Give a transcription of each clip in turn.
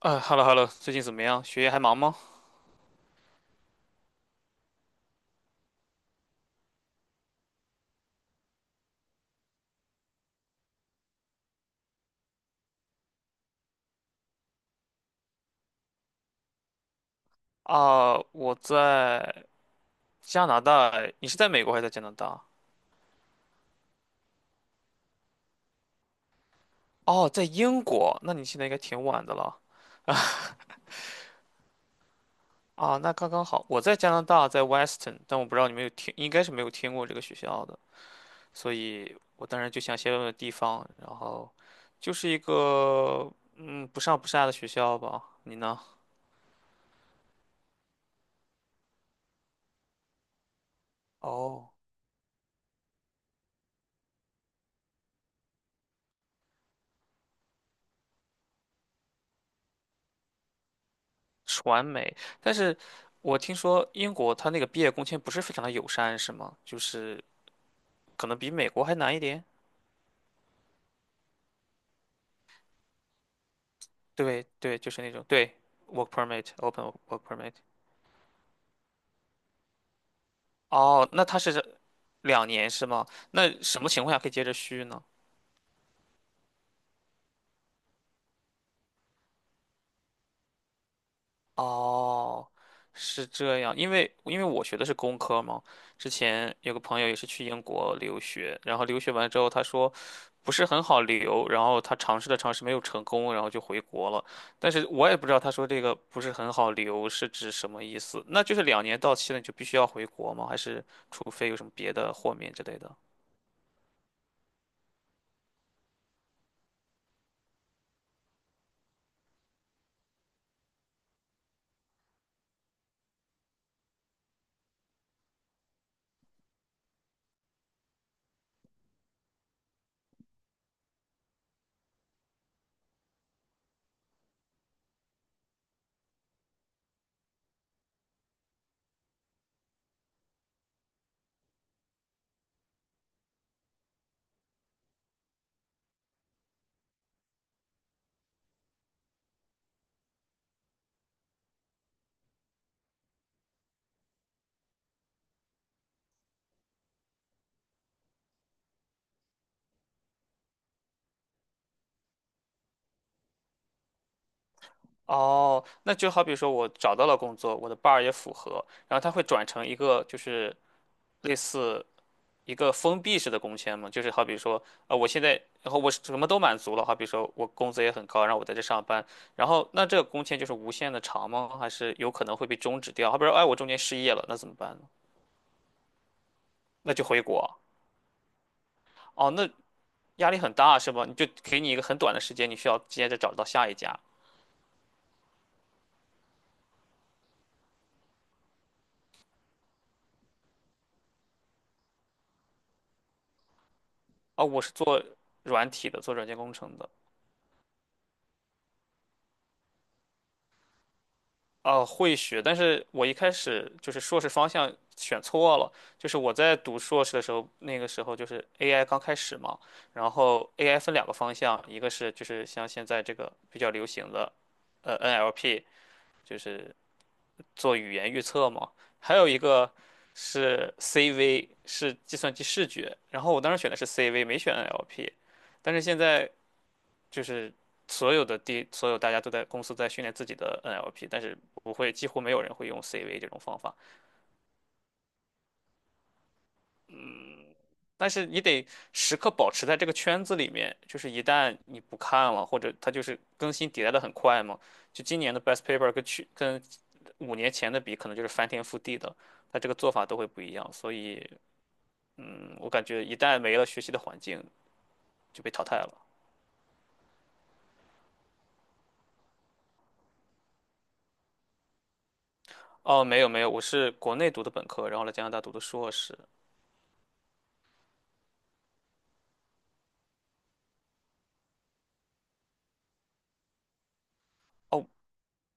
啊，hello hello，最近怎么样？学业还忙吗？啊，我在加拿大，你是在美国还是在加拿大？哦，在英国，那你现在应该挺晚的了。啊，那刚刚好。我在加拿大，在 Western， 但我不知道你们有听，应该是没有听过这个学校的，所以我当然就想先问问地方，然后就是一个不上不下的学校吧。你呢？哦，传媒。但是我听说英国它那个毕业工签不是非常的友善，是吗？就是可能比美国还难一点。对对，就是那种，对， work permit open work permit。哦，那它是两年是吗？那什么情况下可以接着续呢？哦，是这样，因为我学的是工科嘛。之前有个朋友也是去英国留学，然后留学完之后他说不是很好留，然后他尝试了尝试没有成功，然后就回国了。但是我也不知道他说这个不是很好留是指什么意思，那就是两年到期了你就必须要回国吗？还是除非有什么别的豁免之类的？哦，那就好比说我找到了工作，我的 bar 也符合，然后他会转成一个就是类似一个封闭式的工签嘛。就是好比说，啊、我现在，然后我什么都满足了，好比说我工资也很高，然后我在这上班，然后那这个工签就是无限的长吗？还是有可能会被终止掉？好比说，哎，我中间失业了，那怎么办呢？那就回国啊。哦，那压力很大是吧？你就给你一个很短的时间，你需要接着找到下一家。啊、我是做软体的，做软件工程的。啊，会学，但是我一开始就是硕士方向选错了。就是我在读硕士的时候，那个时候就是 AI 刚开始嘛，然后 AI 分两个方向，一个是就是像现在这个比较流行的，NLP，就是做语言预测嘛，还有一个是 CV，是计算机视觉。然后我当时选的是 CV，没选 NLP，但是现在就是所有大家都在公司在训练自己的 NLP，但是不会，几乎没有人会用 CV 这种方法。但是你得时刻保持在这个圈子里面，就是一旦你不看了，或者它就是更新迭代的很快嘛，就今年的 best paper 跟5年前的比，可能就是翻天覆地的，它这个做法都会不一样。所以，我感觉一旦没了学习的环境，就被淘汰了。哦，没有没有，我是国内读的本科，然后来加拿大读的硕士。哦。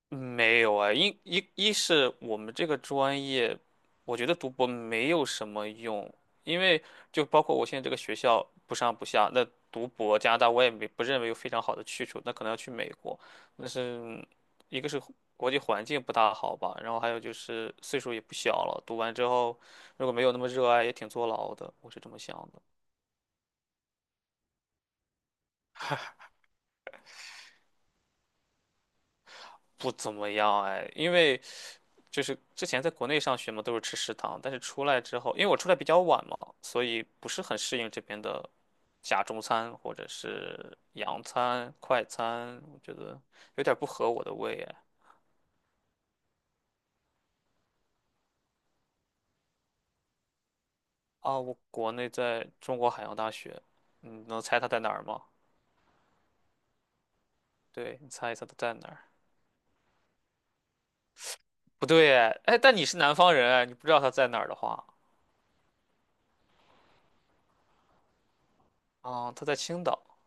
没有啊，一是我们这个专业，我觉得读博没有什么用，因为就包括我现在这个学校不上不下，那读博加拿大我也没不认为有非常好的去处，那可能要去美国。那是一个是国际环境不大好吧，然后还有就是岁数也不小了，读完之后如果没有那么热爱，也挺坐牢的，我是这么想的。不怎么样哎，因为就是之前在国内上学嘛，都是吃食堂，但是出来之后，因为我出来比较晚嘛，所以不是很适应这边的假中餐或者是洋餐、快餐，我觉得有点不合我的胃哎。啊，我国内在中国海洋大学，你能猜它在哪儿吗？对，你猜一猜它在哪儿？不对哎，哎但你是南方人哎，你不知道它在哪儿的话，啊，它在青岛。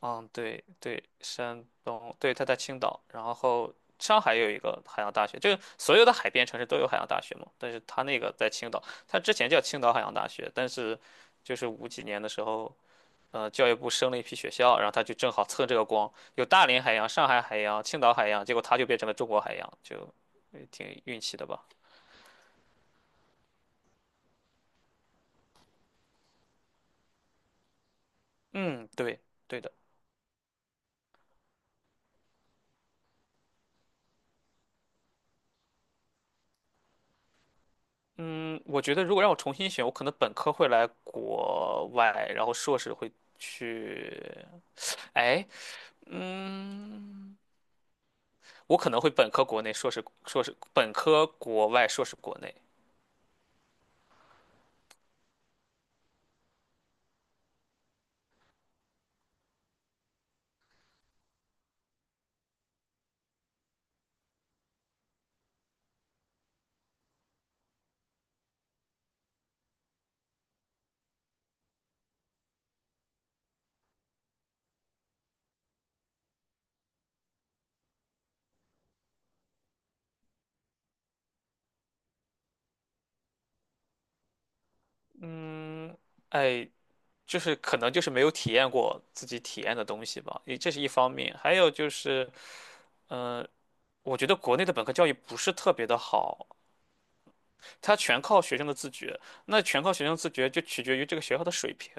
嗯，对对，山东，对，他在青岛。然后上海也有一个海洋大学，就是所有的海边城市都有海洋大学嘛，但是他那个在青岛。他之前叫青岛海洋大学，但是就是五几年的时候，教育部升了一批学校，然后他就正好蹭这个光，有大连海洋、上海海洋、青岛海洋，结果他就变成了中国海洋，就挺运气的吧？嗯，对，对的。嗯，我觉得如果让我重新选，我可能本科会来国外，然后硕士会去，哎，嗯，我可能会本科国内，硕士硕士本科国外，硕士国内。嗯、哎，就是可能就是没有体验过自己体验的东西吧，也这是一方面。还有就是，嗯、我觉得国内的本科教育不是特别的好，它全靠学生的自觉，那全靠学生自觉就取决于这个学校的水平。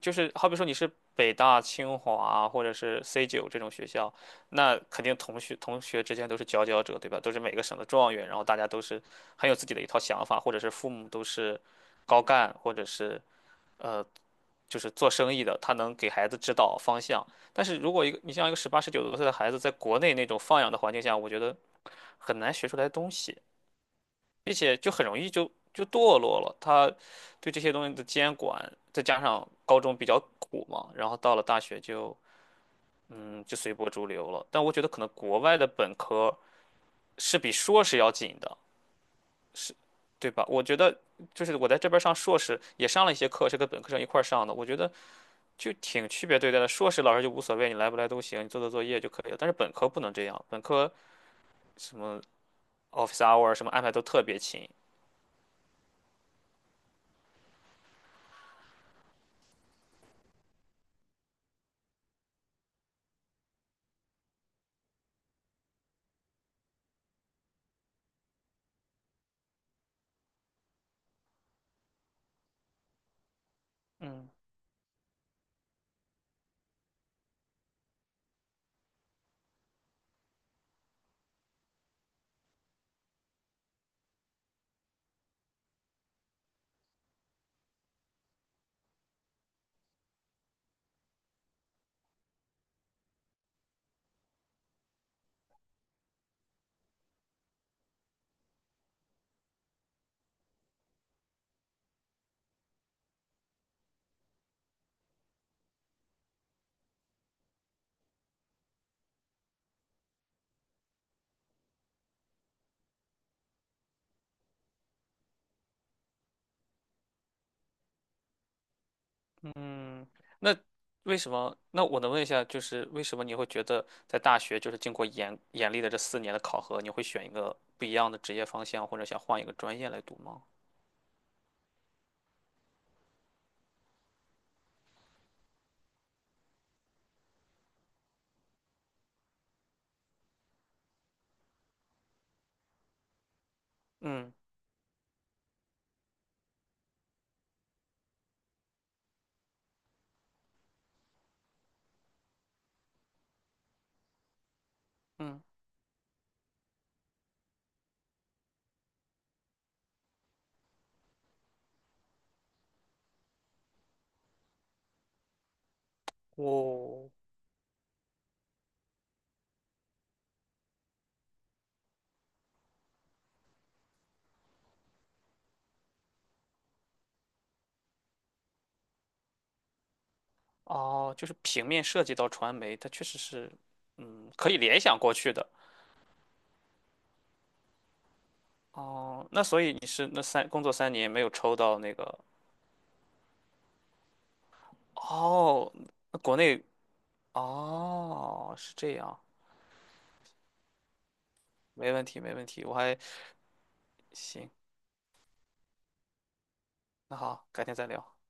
就是好比说你是北大、清华或者是 C9这种学校，那肯定同学之间都是佼佼者，对吧？都是每个省的状元，然后大家都是很有自己的一套想法，或者是父母都是高干，或者是呃就是做生意的，他能给孩子指导方向。但是如果一个你像一个18、19多岁的孩子，在国内那种放养的环境下，我觉得很难学出来东西，并且就很容易就堕落了。他对这些东西的监管，再加上高中比较苦嘛，然后到了大学就随波逐流了。但我觉得可能国外的本科是比硕士要紧的，是，对吧？我觉得就是我在这边儿上硕士也上了一些课，是跟本科生一块儿上的，我觉得就挺区别对待的。硕士老师就无所谓，你来不来都行，你做做作业就可以了。但是本科不能这样，本科什么 office hour 什么安排都特别勤。嗯。嗯，那为什么？那我能问一下，就是为什么你会觉得在大学，就是经过严厉的这4年的考核，你会选一个不一样的职业方向，或者想换一个专业来读吗？嗯嗯，我哦，就是平面设计到传媒，它确实是，可以联想过去的。哦，那所以你是那工作3年没有抽到那个？哦，那国内哦是这样。没问题没问题，我还行，那好，改天再聊。